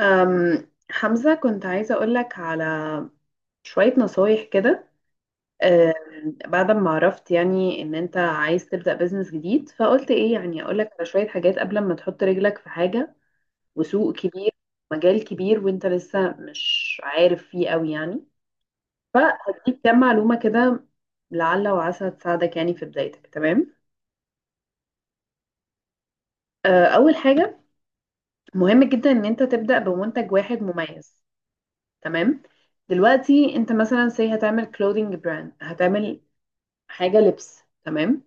أم حمزة، كنت عايزة أقولك على شوية نصايح كده. بعد ما عرفت يعني إن أنت عايز تبدأ بيزنس جديد، فقلت إيه يعني أقولك على شوية حاجات قبل ما تحط رجلك في حاجة وسوق كبير، مجال كبير وأنت لسه مش عارف فيه أوي يعني، فهديك كام معلومة كده لعل وعسى تساعدك يعني في بدايتك. تمام. أول حاجة مهم جدا إن أنت تبدأ بمنتج واحد مميز. تمام. دلوقتي انت مثلا هتعمل كلودينج براند، هتعمل حاجه لبس. تمام.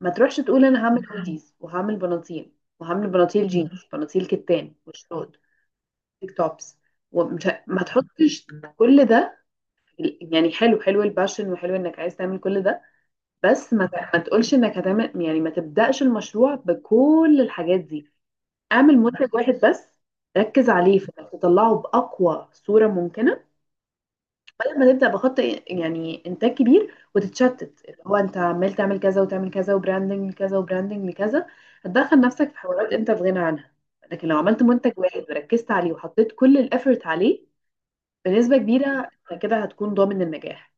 ما تروحش تقول انا هعمل هوديز وهعمل بناطيل وهعمل بناطيل جينز، بناطيل كتان وشورت، تيك توبس. ومش ما تحطش كل ده. يعني حلو حلو الباشن وحلو انك عايز تعمل كل ده، بس ما تقولش انك هتعمل، يعني ما تبدأش المشروع بكل الحاجات دي. اعمل منتج واحد بس، ركز عليه في انك تطلعه باقوى صورة ممكنة، بدل ما تبدا بخط يعني انتاج كبير وتتشتت، اللي هو انت عمال تعمل كذا وتعمل كذا وبراندنج لكذا وبراندنج لكذا. هتدخل نفسك في حوارات انت في غنى عنها. لكن لو عملت منتج واحد وركزت عليه وحطيت كل الافورت عليه، بنسبه كبيره انت كده هتكون ضامن النجاح.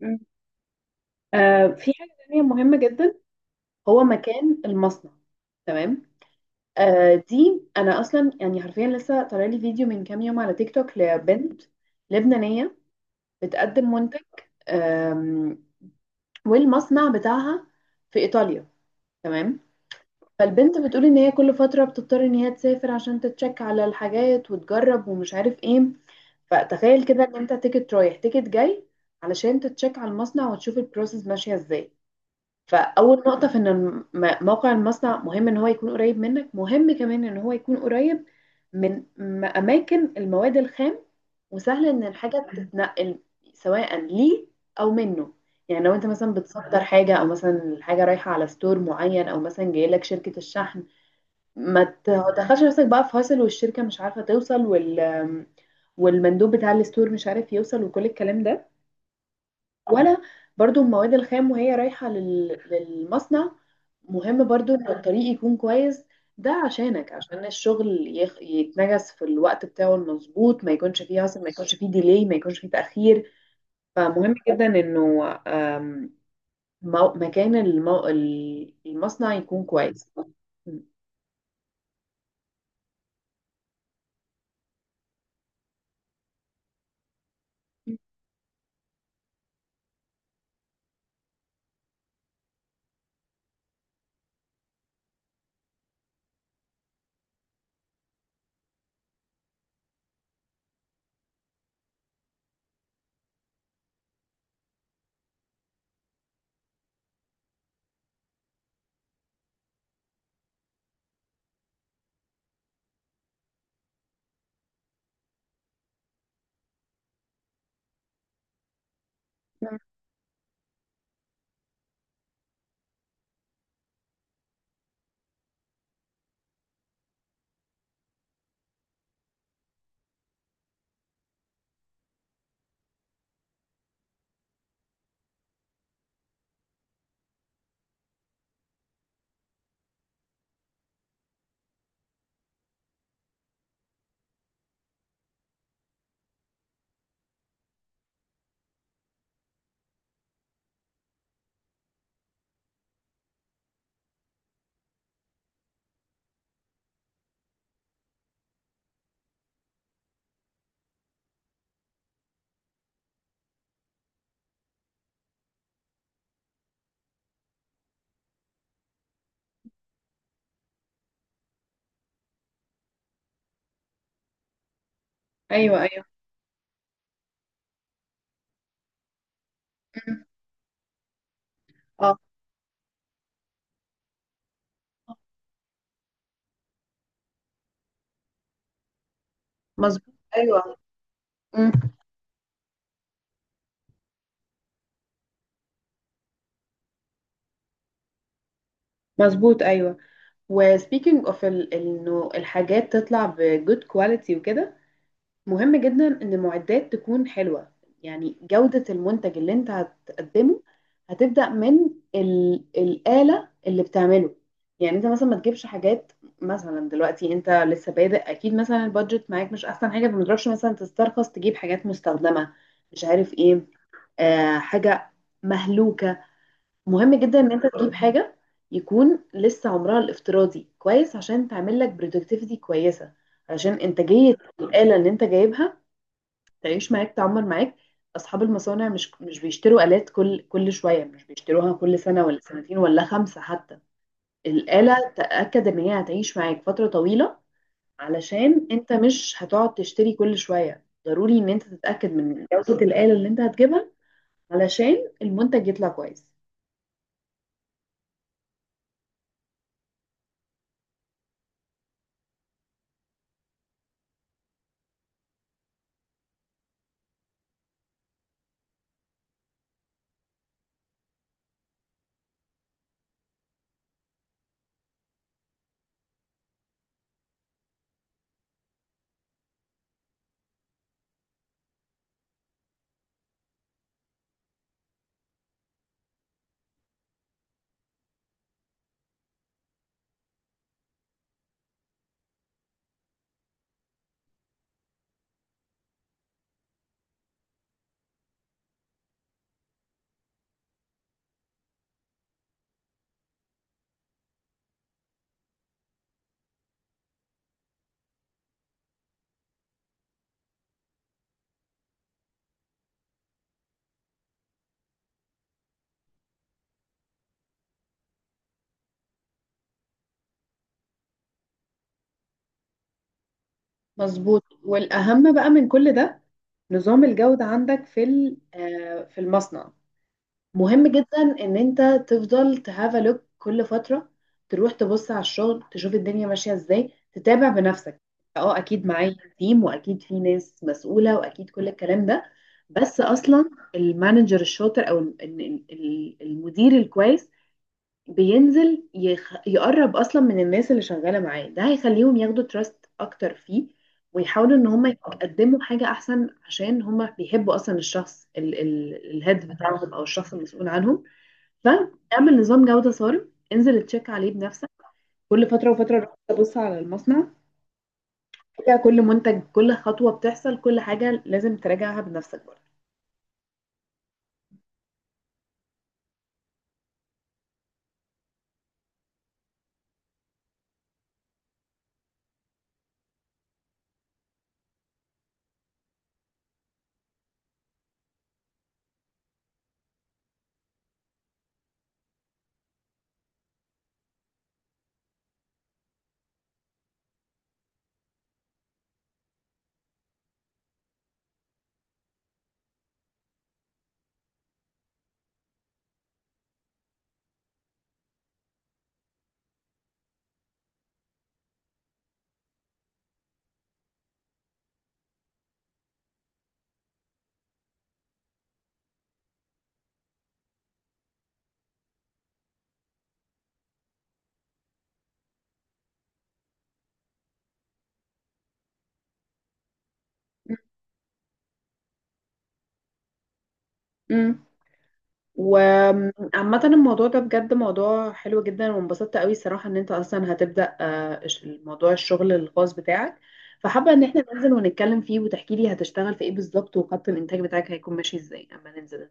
مم. في حاجه تانيه مهمه جدا، هو مكان المصنع. تمام. دي انا اصلا يعني حرفيا لسه طالع لي فيديو من كام يوم على تيك توك لبنت لبنانيه بتقدم منتج والمصنع بتاعها في إيطاليا. تمام. فالبنت بتقول إن هي كل فترة بتضطر إن هي تسافر عشان تتشك على الحاجات وتجرب ومش عارف إيه. فتخيل كده إن أنت تيكت رايح تيكت جاي علشان تتشك على المصنع وتشوف البروسيس ماشية إزاي. فأول نقطة في إن موقع المصنع مهم إن هو يكون قريب منك، مهم كمان إن هو يكون قريب من أماكن المواد الخام وسهل ان الحاجه تتنقل سواء ليه او منه. يعني لو انت مثلا بتصدر حاجه، او مثلا الحاجه رايحه على ستور معين، او مثلا جاي لك شركه الشحن، ما تدخلش نفسك بقى في هاسل والشركه مش عارفه توصل وال والمندوب بتاع الستور مش عارف يوصل وكل الكلام ده ولا. برضو المواد الخام وهي رايحة للمصنع، مهم برضو ان الطريق يكون كويس. ده عشانك، عشان الشغل يتنجز في الوقت بتاعه المظبوط، ما يكونش فيه عصر، ما يكونش فيه ديلي، ما يكونش فيه تأخير. فمهم جدا انه مكان المصنع يكون كويس. م. ايوه ايوه. م. اه. مظبوط ايوه. م. مظبوط ايوه. وسبيكينج اوف انه الحاجات تطلع بجود كواليتي وكده، مهم جدا ان المعدات تكون حلوة. يعني جودة المنتج اللي انت هتقدمه هتبدأ من الآلة اللي بتعمله. يعني انت مثلا ما تجيبش حاجات، مثلا دلوقتي انت لسه بادئ اكيد مثلا البادجت معاك مش احسن حاجة، فما تروحش مثلا تسترخص تجيب حاجات مستخدمة، مش عارف ايه، حاجة مهلوكة. مهم جدا ان انت تجيب حاجة يكون لسه عمرها الافتراضي كويس عشان تعمل لك برودكتيفيتي كويسة، عشان انتاجية الآلة اللي انت جايبها تعيش معاك، تعمر معاك. اصحاب المصانع مش بيشتروا آلات كل شويه، مش بيشتروها كل سنه ولا سنتين ولا خمسه حتى. الآلة تأكد ان هي هتعيش معاك فتره طويله. علشان انت مش هتقعد تشتري كل شويه، ضروري ان انت تتأكد من جودة الآلة اللي انت هتجيبها علشان المنتج يطلع كويس. مظبوط. والأهم بقى من كل ده نظام الجودة عندك في في المصنع. مهم جدا ان انت تفضل تهاف لوك كل فتره، تروح تبص على الشغل تشوف الدنيا ماشيه ازاي، تتابع بنفسك. اه اكيد معايا تيم واكيد في ناس مسؤوله واكيد كل الكلام ده، بس اصلا المانجر الشاطر او المدير الكويس بينزل يقرب اصلا من الناس اللي شغاله معاه. ده هيخليهم ياخدوا تراست اكتر فيه ويحاولوا ان هم يقدموا حاجه احسن عشان هم بيحبوا اصلا الشخص الهيد بتاعهم او الشخص المسؤول عنهم. فاعمل نظام جوده صارم، انزل تشيك عليه بنفسك كل فتره وفتره، روح تبص على المصنع، تراجع كل منتج كل خطوه بتحصل، كل حاجه لازم تراجعها بنفسك. برضه وعامة الموضوع ده بجد موضوع حلو جدا وانبسطت قوي صراحة ان انت اصلا هتبدأ موضوع الشغل الخاص بتاعك. فحابة ان احنا ننزل ونتكلم فيه وتحكي لي هتشتغل في ايه بالظبط وخط الانتاج بتاعك هيكون ماشي ازاي اما ننزل.